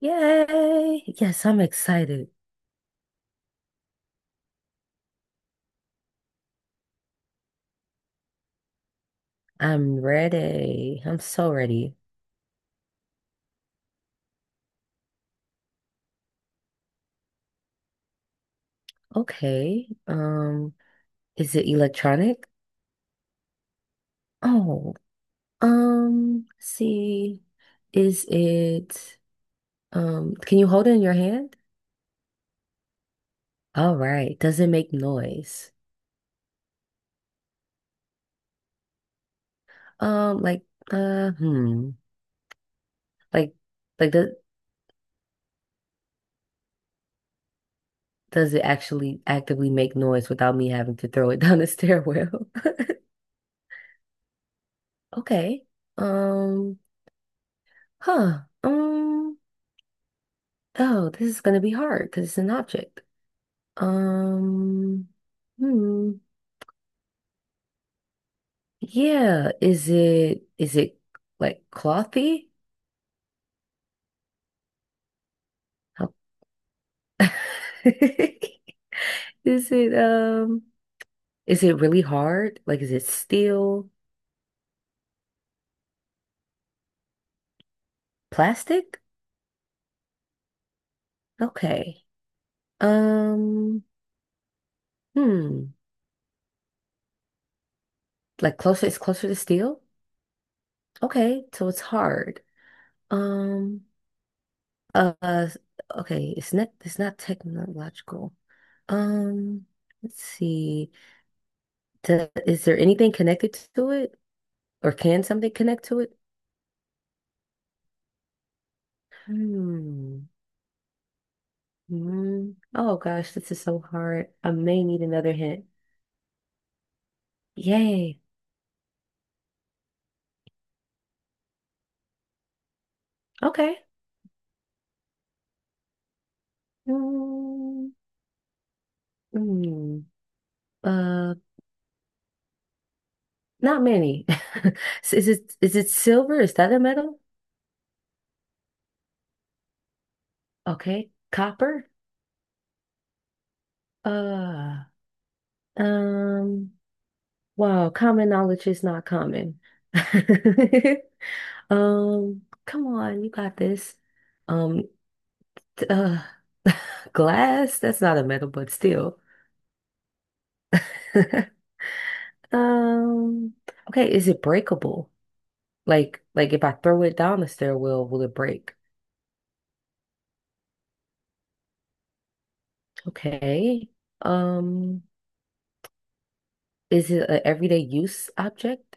Yay! Yes, I'm excited. I'm ready. I'm so ready. Okay. Is it electronic? Oh, let's see. Is it can you hold it in your hand? All right. Does it make noise? Um, like uh hmm. Like like does it actually actively make noise without me having to throw it down the stairwell? Okay. Um, huh. Um Oh, this is going to be hard because it's an object. Um, hmm. Yeah, is it like clothy? How- Is it um is it really hard? Like is it steel, plastic? Okay. Um, hmm. Like closer, it's closer to steel? Okay, so it's hard. Um, uh, uh, okay, it's not technological. Um, let's see. To, is there anything connected to it? Or can something connect to it? Hmm. Hmm. Oh gosh, this is so hard. I may need another hint. Yay. Okay. Hmm. Hmm. Uh, not many. Is it silver? Is that a metal? Okay. Copper? Uh, um, wow, common knowledge is not common. Come on, you got this. Um, Uh, glass? That's not a metal, but still. Um, okay, is it breakable? Like if I throw it down the stairwell, will it break? Okay. Um, is it an everyday use object?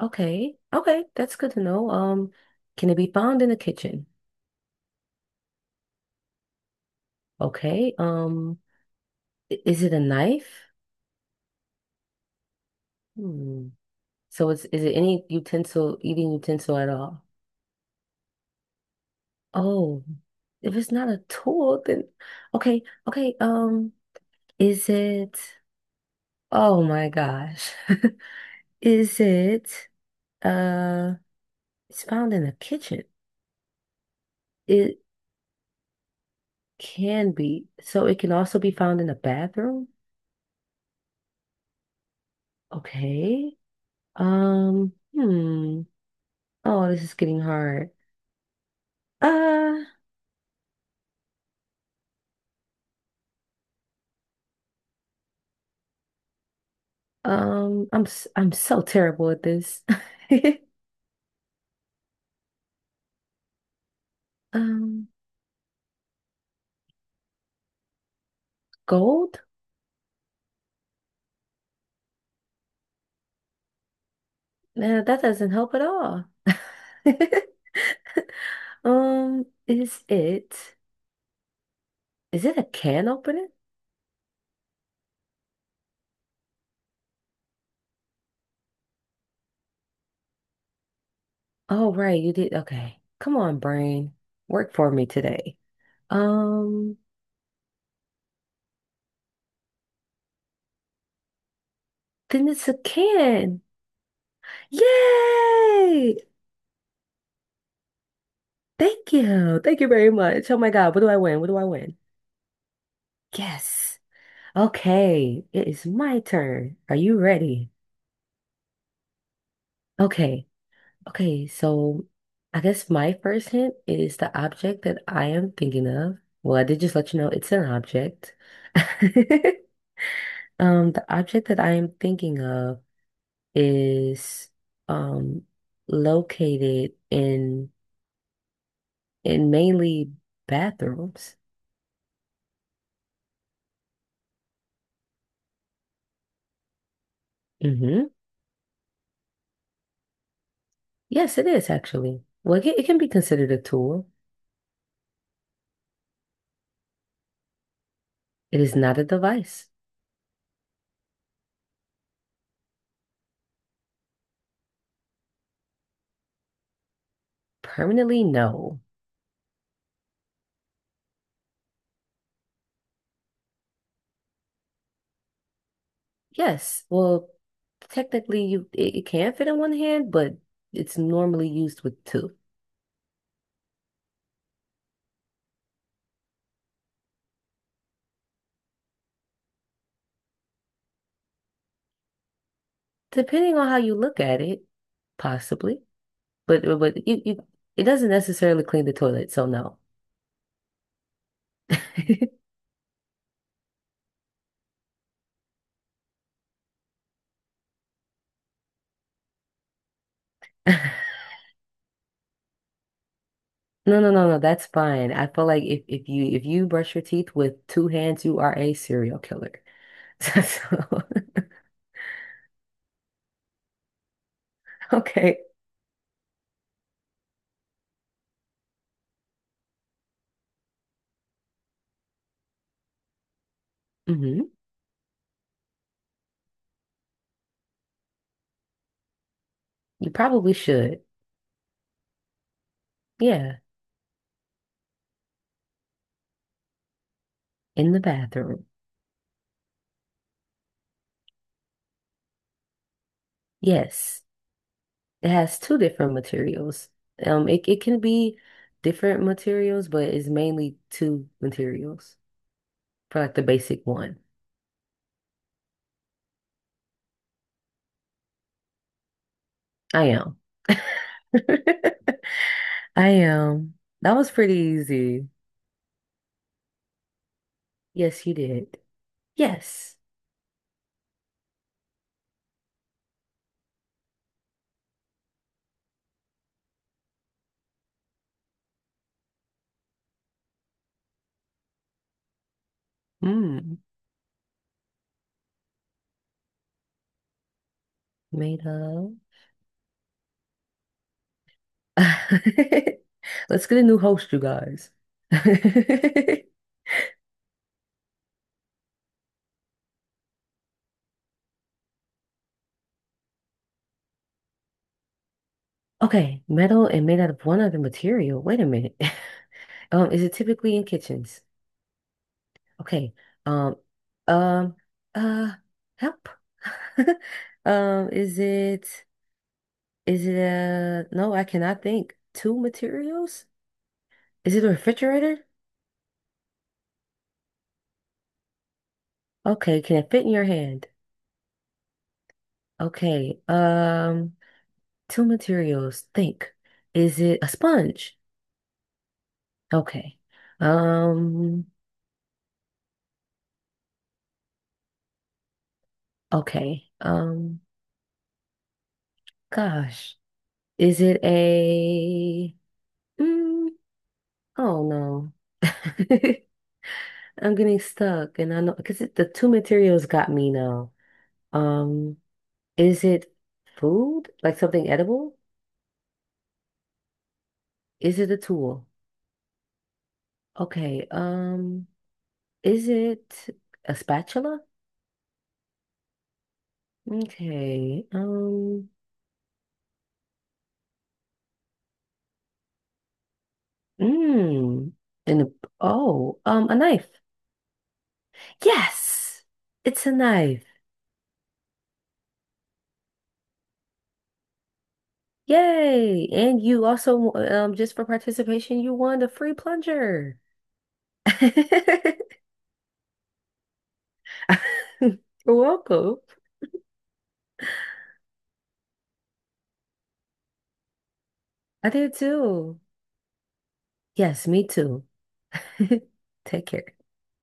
Okay. Okay, that's good to know. Can it be found in the kitchen? Okay. I- is it a knife? Hmm. So it's is it any utensil, eating utensil at all? Oh, if it's not a tool, then okay, okay. Is it? Oh my gosh, is it? Uh, it's found in the kitchen. It can be, so it can also be found in the bathroom. Okay. Um. Hmm. Oh, this is getting hard. Uh. I'm so terrible at this. Um. Gold? Nah, that doesn't help at all. Um, is it is it a can opener? Oh, right, you did. Okay. Come on, brain. Work for me today. Um, then it's a can. Yay! Thank you. Thank you very much. Oh my God, what do I win? What do I win? Yes. Okay, it is my turn. Are you ready? Okay. Okay, so I guess my first hint is the object that I am thinking of. Well, I did just let you know it's an object. The object that I am thinking of is um located in mainly bathrooms. Hmm. Yes, it is actually. Well, it it can be considered a tool. It is not a device. Permanently, no. Yes. Well, technically, you it can fit in one hand, but it's normally used with two, depending on how you look at it, possibly. But you, it doesn't necessarily clean the toilet, so no. No, no, no, no, that's fine. I feel like if you brush your teeth with two hands, you are a serial killer. So, okay. Hmm. You probably should. Yeah, in the bathroom. Yes. It has two different materials. It can be different materials, but it's mainly two materials for like the basic one. I am. I am. That was pretty easy. Yes, you did. Yes. Mm. Made up. Let's get a new host, you guys. Okay, metal and made out of one other material. Wait a minute. Is it typically in kitchens? Okay. Um, um, uh, help. Is it no, I cannot think. Two materials? Is it a refrigerator? Okay, can it fit in your hand? Okay. Two materials. Think. Is it a sponge? Okay. Um, okay. Gosh. Is it a mm, oh no. I'm getting stuck and I know because the two materials got me now. Um, is it food? Like something edible? Is it a tool? Okay. Is it a spatula? Okay. Mm, and a, oh, a knife. Yes, it's a knife. Yay! And you also, just for participation, you won the free plunger. You're welcome. I did too. Yes, me too. Take care.